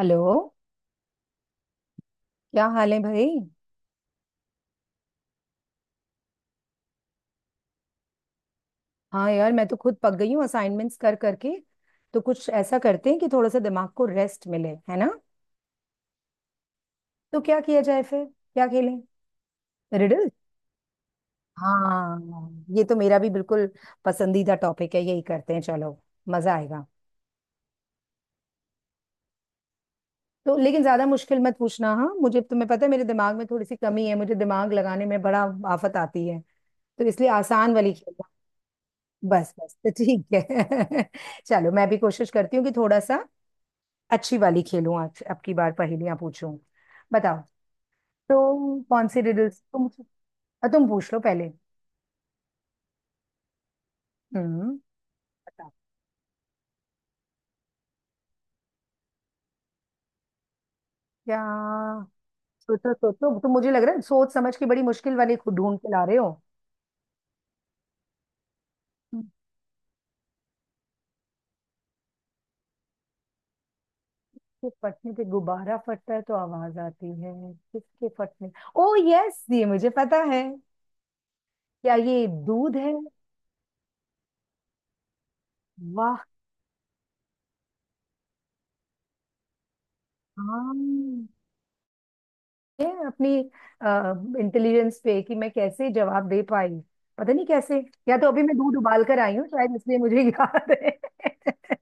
Hello. क्या हाल है भाई। हाँ यार, मैं तो खुद पक गई हूँ असाइनमेंट्स कर करके। तो कुछ ऐसा करते हैं कि थोड़ा सा दिमाग को रेस्ट मिले, है ना। तो क्या किया जाए? फिर क्या खेलें? रिडल। हाँ, ये तो मेरा भी बिल्कुल पसंदीदा टॉपिक है। यही करते हैं, चलो। मजा आएगा। तो लेकिन ज्यादा मुश्किल मत पूछना हाँ, मुझे तो, तुम्हें पता है मेरे दिमाग में थोड़ी सी कमी है। मुझे दिमाग लगाने में बड़ा आफत आती है। तो इसलिए आसान वाली खेलना। बस बस, तो ठीक है। चलो, मैं भी कोशिश करती हूँ कि थोड़ा सा अच्छी वाली खेलूं। आज आपकी बार पहेलियां पूछूं। बताओ। तुम कौन सी रिडल्स तुम अ, तुम पूछ लो पहले। हम्म। बताओ। क्या? सोचो सोचो तुम। मुझे लग रहा है सोच समझ के बड़ी मुश्किल वाली खुद ढूंढ के ला रहे हो। किसके फटने पे? गुब्बारा फटता है तो आवाज आती है। किसके फटने? ओ यस, ये मुझे पता है। क्या, ये दूध है? वाह। हाँ, है अपनी इंटेलिजेंस पे कि मैं कैसे जवाब दे पाई। पता नहीं कैसे। या तो अभी मैं दूध उबाल कर आई हूँ, शायद इसलिए मुझे याद है।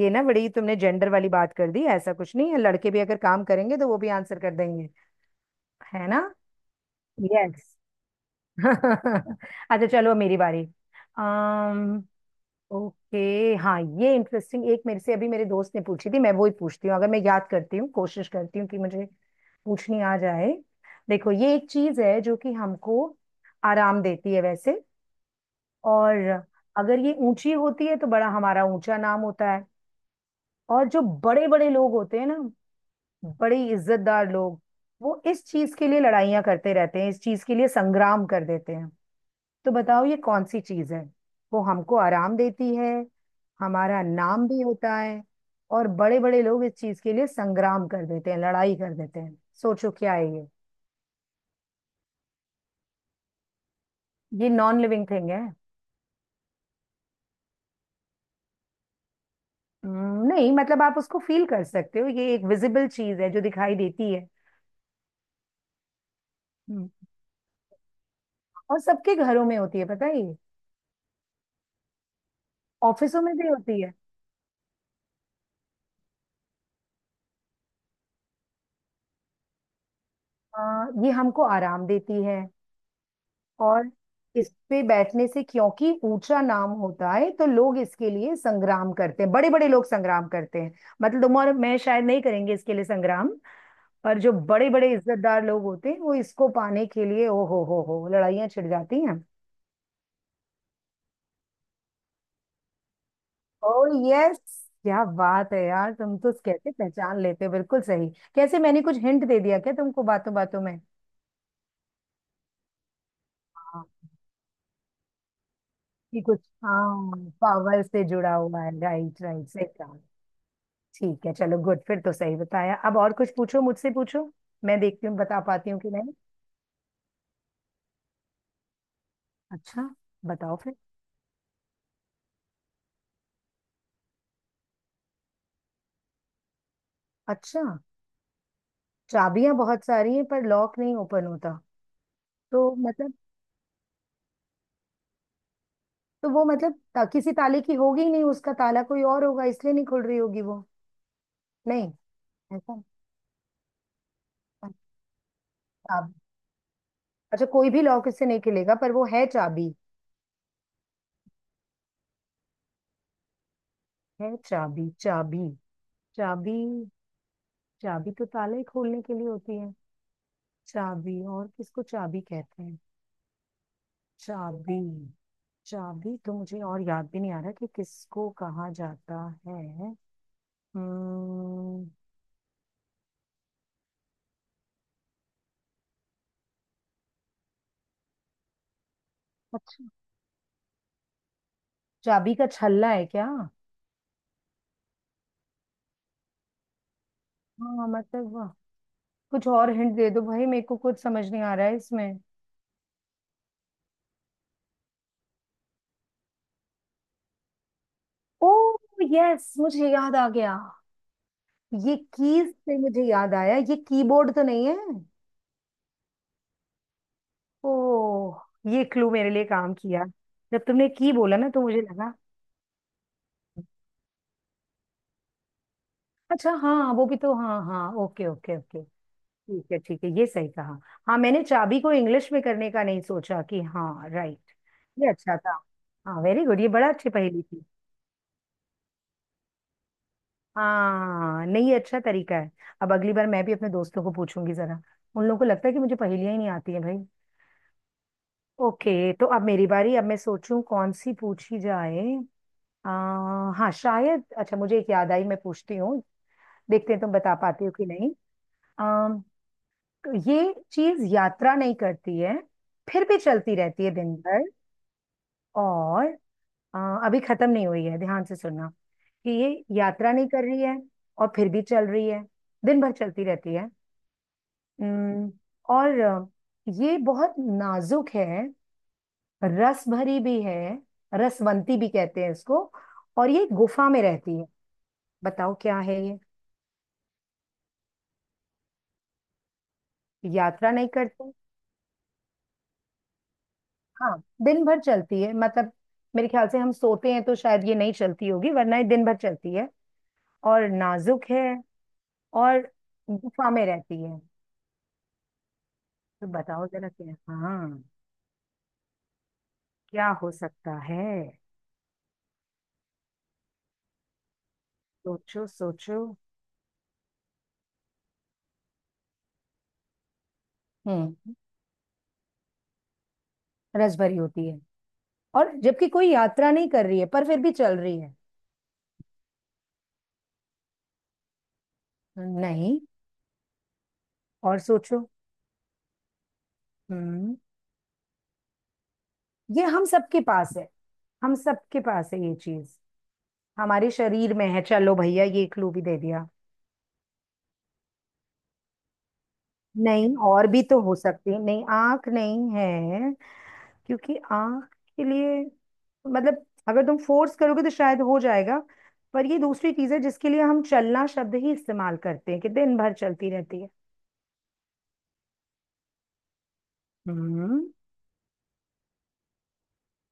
ये ना बड़ी तुमने जेंडर वाली बात कर दी। ऐसा कुछ नहीं है, लड़के भी अगर काम करेंगे तो वो भी आंसर कर देंगे। है ना? यस। अच्छा चलो, अब मेरी बारी। अम्म ओके, हाँ, ये इंटरेस्टिंग। एक मेरे से अभी मेरे दोस्त ने पूछी थी, मैं वो ही पूछती हूँ अगर मैं याद करती हूँ। कोशिश करती हूँ कि मुझे पूछनी आ जाए। देखो, ये एक चीज है जो कि हमको आराम देती है वैसे। और अगर ये ऊंची होती है तो बड़ा हमारा ऊंचा नाम होता है। और जो बड़े बड़े लोग होते हैं ना, बड़े इज्जतदार लोग, वो इस चीज के लिए लड़ाइयाँ करते रहते हैं। इस चीज के लिए संग्राम कर देते हैं। तो बताओ, ये कौन सी चीज है? वो हमको आराम देती है, हमारा नाम भी होता है, और बड़े बड़े लोग इस चीज के लिए संग्राम कर देते हैं, लड़ाई कर देते हैं। सोचो, क्या है ये? ये नॉन लिविंग थिंग है। नहीं, मतलब आप उसको फील कर सकते हो। ये एक विजिबल चीज है जो दिखाई देती है। हम्म, और सबके घरों में होती है। पता है? ये ऑफिसों में भी होती है। ये हमको आराम देती है। और इस पे बैठने से क्योंकि ऊंचा नाम होता है, तो लोग इसके लिए संग्राम करते हैं। बड़े बड़े लोग संग्राम करते हैं। मतलब तुम और मैं शायद नहीं करेंगे इसके लिए संग्राम, पर जो बड़े बड़े इज्जतदार लोग होते हैं वो इसको पाने के लिए, ओ हो, लड़ाइयां छिड़ जाती हैं। ओ यस! क्या बात है यार, तुम तो कैसे पहचान लेते हो बिल्कुल सही। कैसे? मैंने कुछ हिंट दे दिया क्या तुमको बातों बातों में? हाँ कि कुछ, हाँ पावर से जुड़ा हुआ है। राइट राइट, सही कहा। ठीक है, चलो, गुड। फिर तो सही बताया। अब और कुछ पूछो, मुझसे पूछो। मैं देखती हूँ बता पाती हूँ कि नहीं। अच्छा, बताओ फिर। अच्छा, चाबियां बहुत सारी हैं पर लॉक नहीं ओपन होता, तो मतलब। तो वो मतलब, किसी ताले की होगी ही नहीं, उसका ताला कोई और होगा इसलिए नहीं खुल रही होगी वो। नहीं, ऐसा। अच्छा, अच्छा, कोई भी लॉक इससे नहीं खुलेगा पर वो है चाबी। है चाबी। चाबी। चाबी। चाबी तो ताला ही खोलने के लिए होती है। चाबी और किसको चाबी कहते हैं? चाबी। चाबी तो मुझे और याद भी नहीं आ रहा कि किसको कहा जाता है। हम्म। अच्छा, चाबी का छल्ला है क्या? हाँ, मतलब कुछ और हिंट दे दो भाई, मेरे को कुछ समझ नहीं आ रहा है इसमें। ओ यस, मुझे याद आ गया। ये कीज से मुझे याद आया, ये कीबोर्ड तो नहीं है? ओ, ये क्लू मेरे लिए काम किया। जब तुमने की बोला ना तो मुझे लगा। अच्छा हाँ, वो भी तो, हाँ हाँ, ओके ओके ओके। ठीक है ठीक है, ये सही कहा। हाँ, मैंने चाबी को इंग्लिश में करने का नहीं सोचा कि हाँ, राइट। ये अच्छा था। हाँ, वेरी गुड, ये बड़ा अच्छी पहेली थी। हाँ नहीं, ये अच्छा तरीका है। अब अगली बार मैं भी अपने दोस्तों को पूछूंगी जरा। उन लोगों को लगता है कि मुझे पहेलियां ही नहीं आती हैं भाई। ओके, तो अब मेरी बारी। अब मैं सोचूं कौन सी पूछी जाए। आ, हाँ, शायद अच्छा मुझे एक याद आई, मैं पूछती हूँ। देखते हैं तुम बता पाती हो कि नहीं। आ, ये चीज यात्रा नहीं करती है, फिर भी चलती रहती है दिन भर। और अ, अभी खत्म नहीं हुई है, ध्यान से सुनना कि ये यात्रा नहीं कर रही है और फिर भी चल रही है, दिन भर चलती रहती है। उम्म, और ये बहुत नाजुक है। रस भरी भी है। रसवंती भी कहते हैं इसको। और ये गुफा में रहती है। बताओ क्या है ये? यात्रा नहीं करती, हाँ। दिन भर चलती है मतलब, मेरे ख्याल से हम सोते हैं तो शायद ये नहीं चलती होगी, वरना ये दिन भर चलती है। और नाजुक है, और गुफा में रहती है। तो बताओ जरा, क्या हाँ, क्या हो सकता है? सोचो सोचो। हम्म। रसभरी होती है, और जबकि कोई यात्रा नहीं कर रही है पर फिर भी चल रही है। नहीं, और सोचो। हम्म। ये हम सबके पास है, हम सबके पास है ये चीज, हमारे शरीर में है। चलो भैया, ये क्लू भी दे दिया। नहीं, और भी तो हो सकती है। नहीं, आंख नहीं है। क्योंकि आंख के लिए, मतलब अगर तुम फोर्स करोगे तो शायद हो जाएगा, पर ये दूसरी चीज है जिसके लिए हम चलना शब्द ही इस्तेमाल करते हैं कि दिन भर चलती रहती है। हम्म,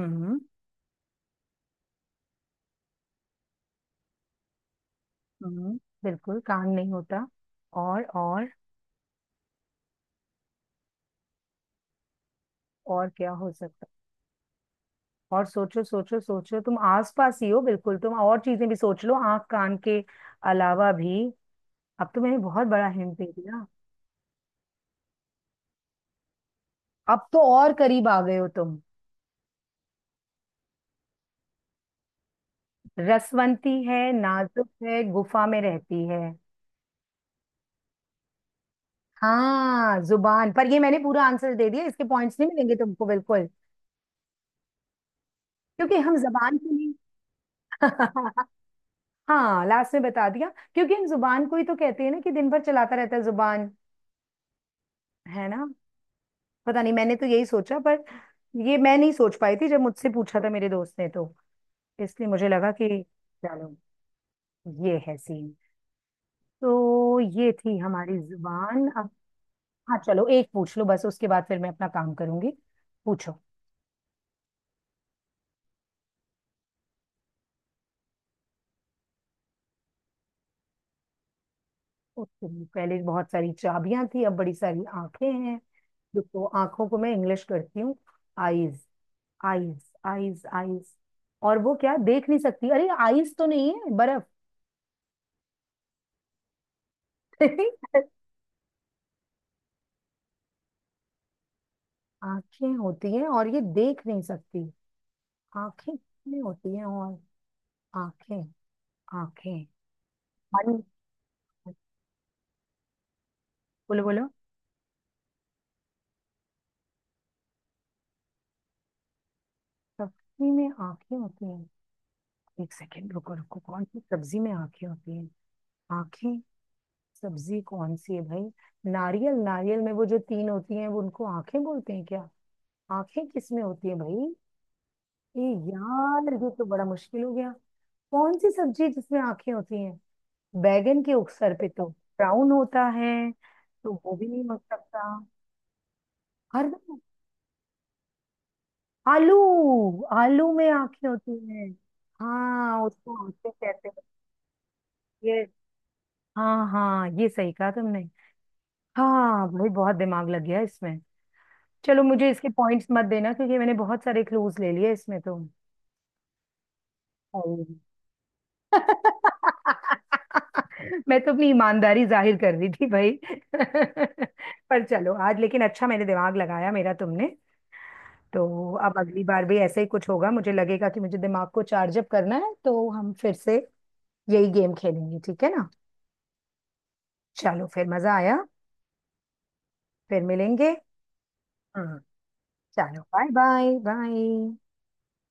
हम्म, हम्म, बिल्कुल काम नहीं होता। और और और क्या हो सकता? और सोचो सोचो सोचो, तुम आसपास ही हो बिल्कुल तुम। और चीजें भी सोच लो, आंख कान के अलावा भी। अब तो मैंने बहुत बड़ा हिंट दे दिया। अब तो और करीब आ गए हो तुम। रसवंती है, नाजुक है, गुफा में रहती है। हाँ जुबान! पर ये मैंने पूरा आंसर दे दिया, इसके पॉइंट्स नहीं मिलेंगे तुमको बिल्कुल। क्योंकि हम जबान को नहीं। हाँ, लास्ट में बता दिया। क्योंकि हम जुबान को ही तो कहते हैं ना कि दिन भर चलाता रहता है जुबान। है ना? पता नहीं, मैंने तो यही सोचा। पर ये मैं नहीं सोच पाई थी जब मुझसे पूछा था मेरे दोस्त ने तो। इसलिए मुझे लगा कि चलो, ये है सीन। तो ये थी हमारी जुबान, अब। हाँ, चलो, एक पूछ लो बस। उसके बाद फिर मैं अपना काम करूंगी। पूछो। ओके, पहले बहुत सारी चाबियां थी, अब बड़ी सारी आंखें हैं। देखो, आंखों को मैं इंग्लिश करती हूँ। Eyes, eyes, eyes, eyes. और वो क्या देख नहीं सकती? अरे आईज तो नहीं है बर्फ। आंखें होती हैं और ये देख नहीं सकती। आंखें कितनी होती हैं? और आंखें, आंखें, मन। बोलो बोलो। सब्जी में आंखें होती हैं? एक सेकेंड, रुको रुको, कौन सी सब्जी में आंखें होती हैं? आंखें। सब्जी कौन सी है भाई? नारियल, नारियल में वो जो तीन होती हैं, वो उनको आंखें बोलते हैं क्या? आंखें किस में होती हैं भाई? ये यार, ये तो बड़ा मुश्किल हो गया। कौन सी सब्जी है जिसमें आंखें होती हैं? बैगन के अक्सर पे तो ब्राउन होता है, तो वो भी नहीं हो सकता। हर, आलू! आलू में आंखें होती हैं? हाँ, उसको आंखें कहते हैं ये। हाँ हाँ, ये सही कहा तुमने। हाँ भाई, बहुत दिमाग लग गया इसमें। चलो, मुझे इसके पॉइंट्स मत देना क्योंकि मैंने बहुत सारे क्लूज ले लिए इसमें तो। अरे, मैं तो अपनी ईमानदारी जाहिर कर रही थी भाई। पर चलो आज, लेकिन अच्छा मैंने दिमाग लगाया मेरा, तुमने। तो अब अगली बार भी ऐसा ही कुछ होगा, मुझे लगेगा कि मुझे दिमाग को चार्ज अप करना है तो हम फिर से यही गेम खेलेंगे। ठीक है ना? चलो, फिर मजा आया। फिर मिलेंगे। हाँ, चलो बाय बाय बाय।